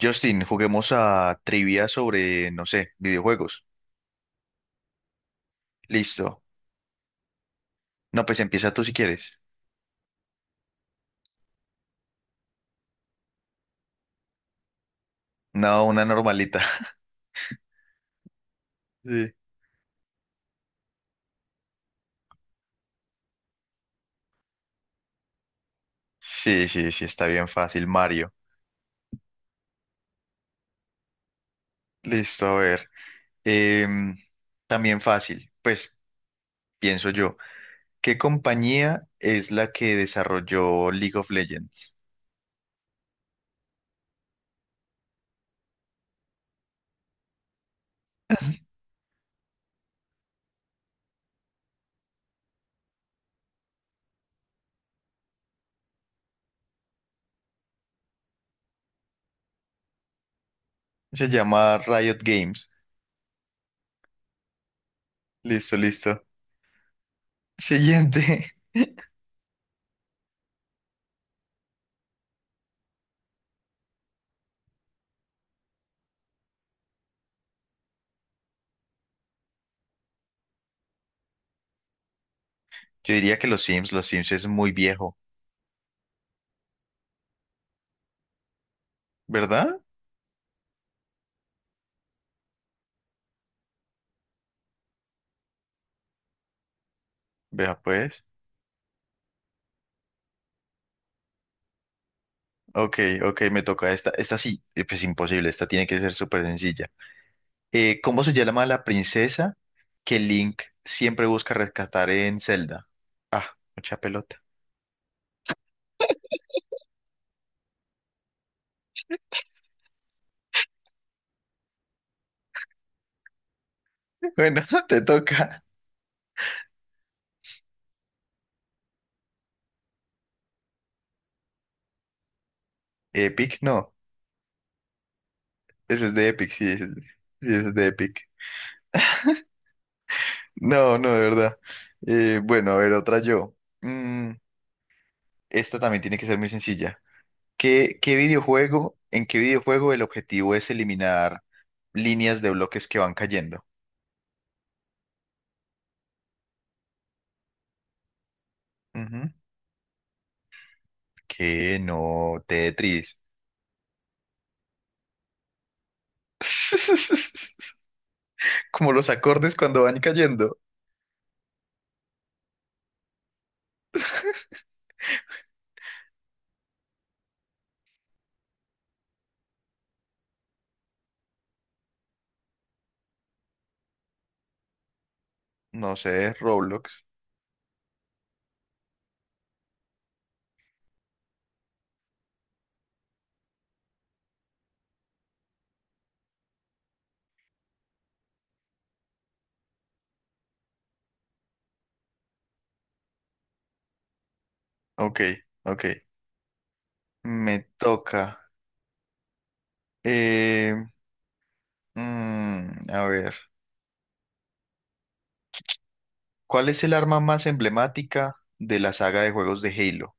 Justin, juguemos a trivia sobre, no sé, videojuegos. Listo. No, pues empieza tú si quieres. No, una normalita. Sí, sí, sí, sí, está bien fácil, Mario. Listo, a ver. Em, También fácil, pues pienso yo. ¿Qué compañía es la que desarrolló League of Legends? Se llama Riot Games. Listo, listo. Siguiente. Yo diría que los Sims es muy viejo, ¿verdad? Vea pues. Ok, ok, me toca esta. Esta sí, pues imposible, esta tiene que ser súper sencilla. ¿Cómo se llama la princesa que Link siempre busca rescatar en Zelda? Ah, mucha pelota. Bueno, te toca. Epic, no. Eso es de Epic, sí, eso es de Epic. No, no, de verdad. Bueno, a ver, otra yo. Mm, esta también tiene que ser muy sencilla. ¿Qué videojuego, en qué videojuego el objetivo es eliminar líneas de bloques que van cayendo? Que no, Tetris. Como los acordes cuando van cayendo. No sé, Roblox. Ok, ok. Me toca. Eh, mm, a ver. ¿Cuál es el arma más emblemática de la saga de juegos de Halo?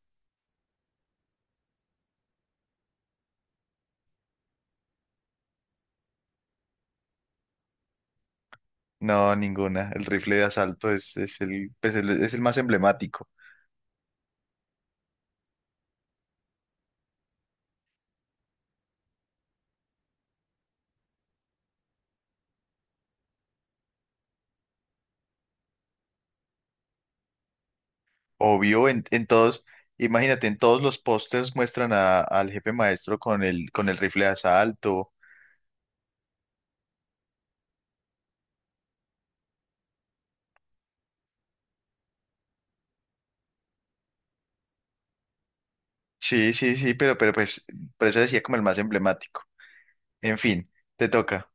No, ninguna. El rifle de asalto es el, pues, el- es el más emblemático. Obvio, en todos, imagínate, en todos los pósters muestran a- al jefe maestro con el rifle de asalto. Sí, sí, sí, pero pues, por eso decía como el más emblemático. En fin, te toca.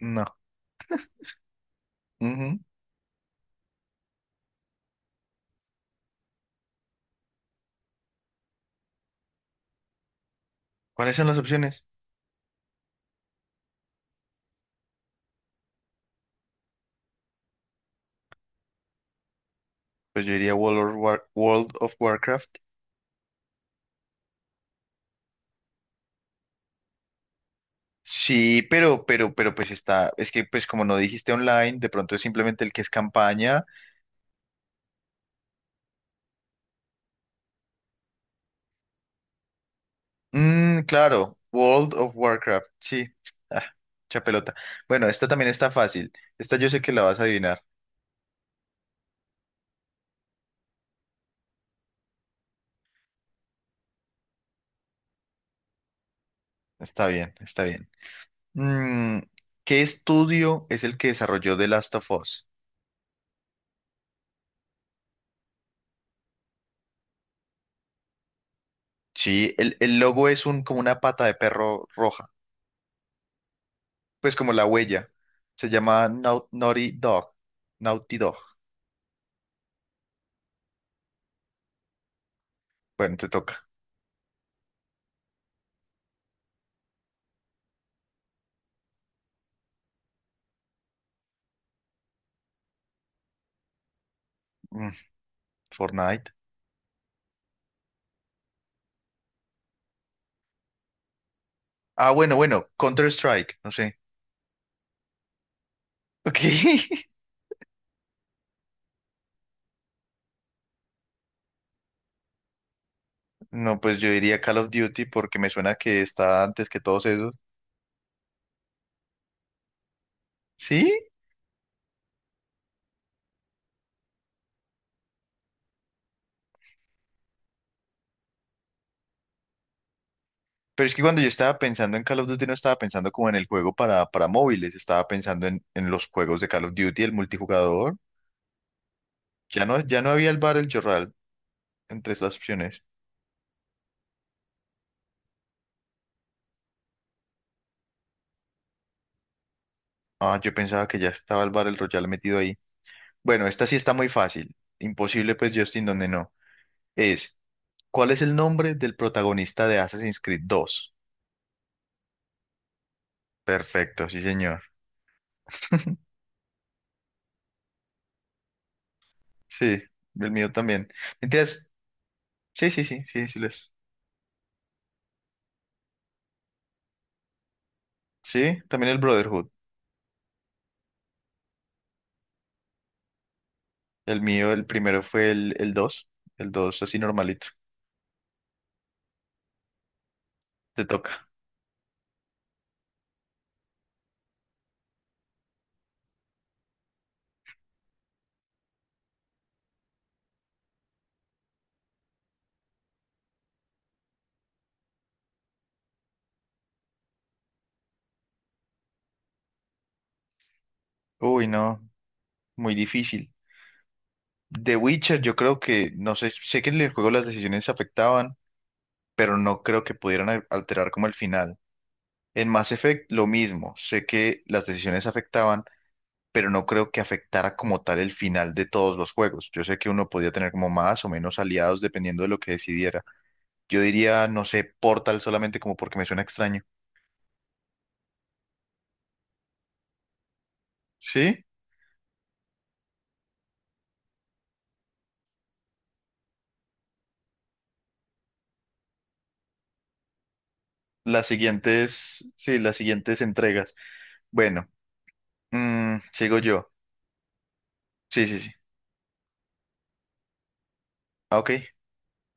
No. Ujú. ¿Cuáles son las opciones? Pues yo diría World of War- World of Warcraft. Sí, pero pues está, es que pues como no dijiste online, de pronto es simplemente el que es campaña. Mm, claro, World of Warcraft, sí. Ah, mucha pelota. Bueno, esta también está fácil. Esta yo sé que la vas a adivinar. Está bien, está bien. Mm, ¿qué estudio es el que desarrolló The Last of Us? Sí, el logo es un, como una pata de perro roja, pues como la huella. Se llama Nau- Naughty Dog. Naughty Dog. Bueno, te toca. Mm, Fortnite. Ah, bueno, bueno, Counter-Strike, no sé. Ok. No, pues yo diría Call of Duty porque me suena que está antes que todos esos. Sí, pero es que cuando yo estaba pensando en Call of Duty no estaba pensando como en el juego para móviles, estaba pensando en los juegos de Call of Duty, el multijugador. Ya no, ya no había el Battle Royale entre esas opciones. Ah, yo pensaba que ya estaba el Battle Royale metido ahí. Bueno, esta sí está muy fácil. Imposible, pues, Justin, donde no. Es, ¿cuál es el nombre del protagonista de Assassin's Creed 2? Perfecto, sí, señor. Sí, el mío también. ¿Entiendes? Sí, sí, sí, sí, sí lo es. Sí, también el Brotherhood. El mío, el primero fue el dos. El 2 así normalito. Te toca. Uy, no, muy difícil. The Witcher, yo creo que, no sé, sé que en el juego las decisiones afectaban, pero no creo que pudieran al- alterar como el final. En Mass Effect lo mismo, sé que las decisiones afectaban, pero no creo que afectara como tal el final de todos los juegos. Yo sé que uno podía tener como más o menos aliados dependiendo de lo que decidiera. Yo diría, no sé, Portal solamente como porque me suena extraño. ¿Sí? Las siguientes, sí, las siguientes entregas. Bueno, mm, sigo yo. Sí, sí, sí. Ah, ok.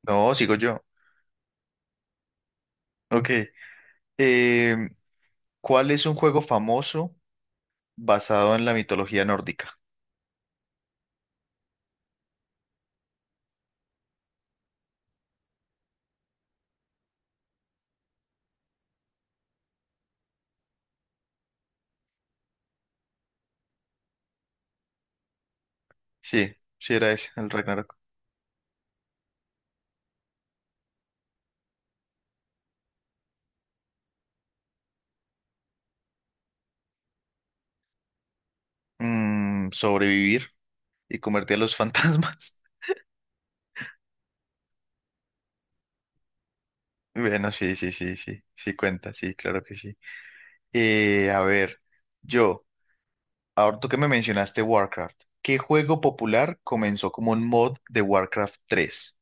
No, sigo yo. Ok. Em, ¿Cuál es un juego famoso basado en la mitología nórdica? Sí, sí era ese, el Ragnarok. Mm, sobrevivir y convertir a los fantasmas. Bueno, sí, sí, sí, sí, sí cuenta, sí, claro que sí. A ver, yo, ahora tú que me mencionaste Warcraft, ¿qué juego popular comenzó como un mod de Warcraft tres?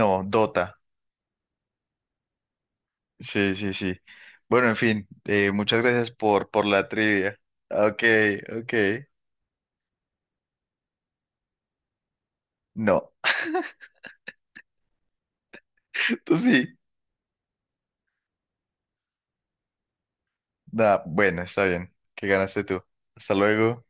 No, Dota. Sí, sí, sí. Bueno, en fin, muchas gracias por la trivia. Ok, ok. No, tú sí. Nah, bueno, está bien, que ganaste tú. Hasta luego.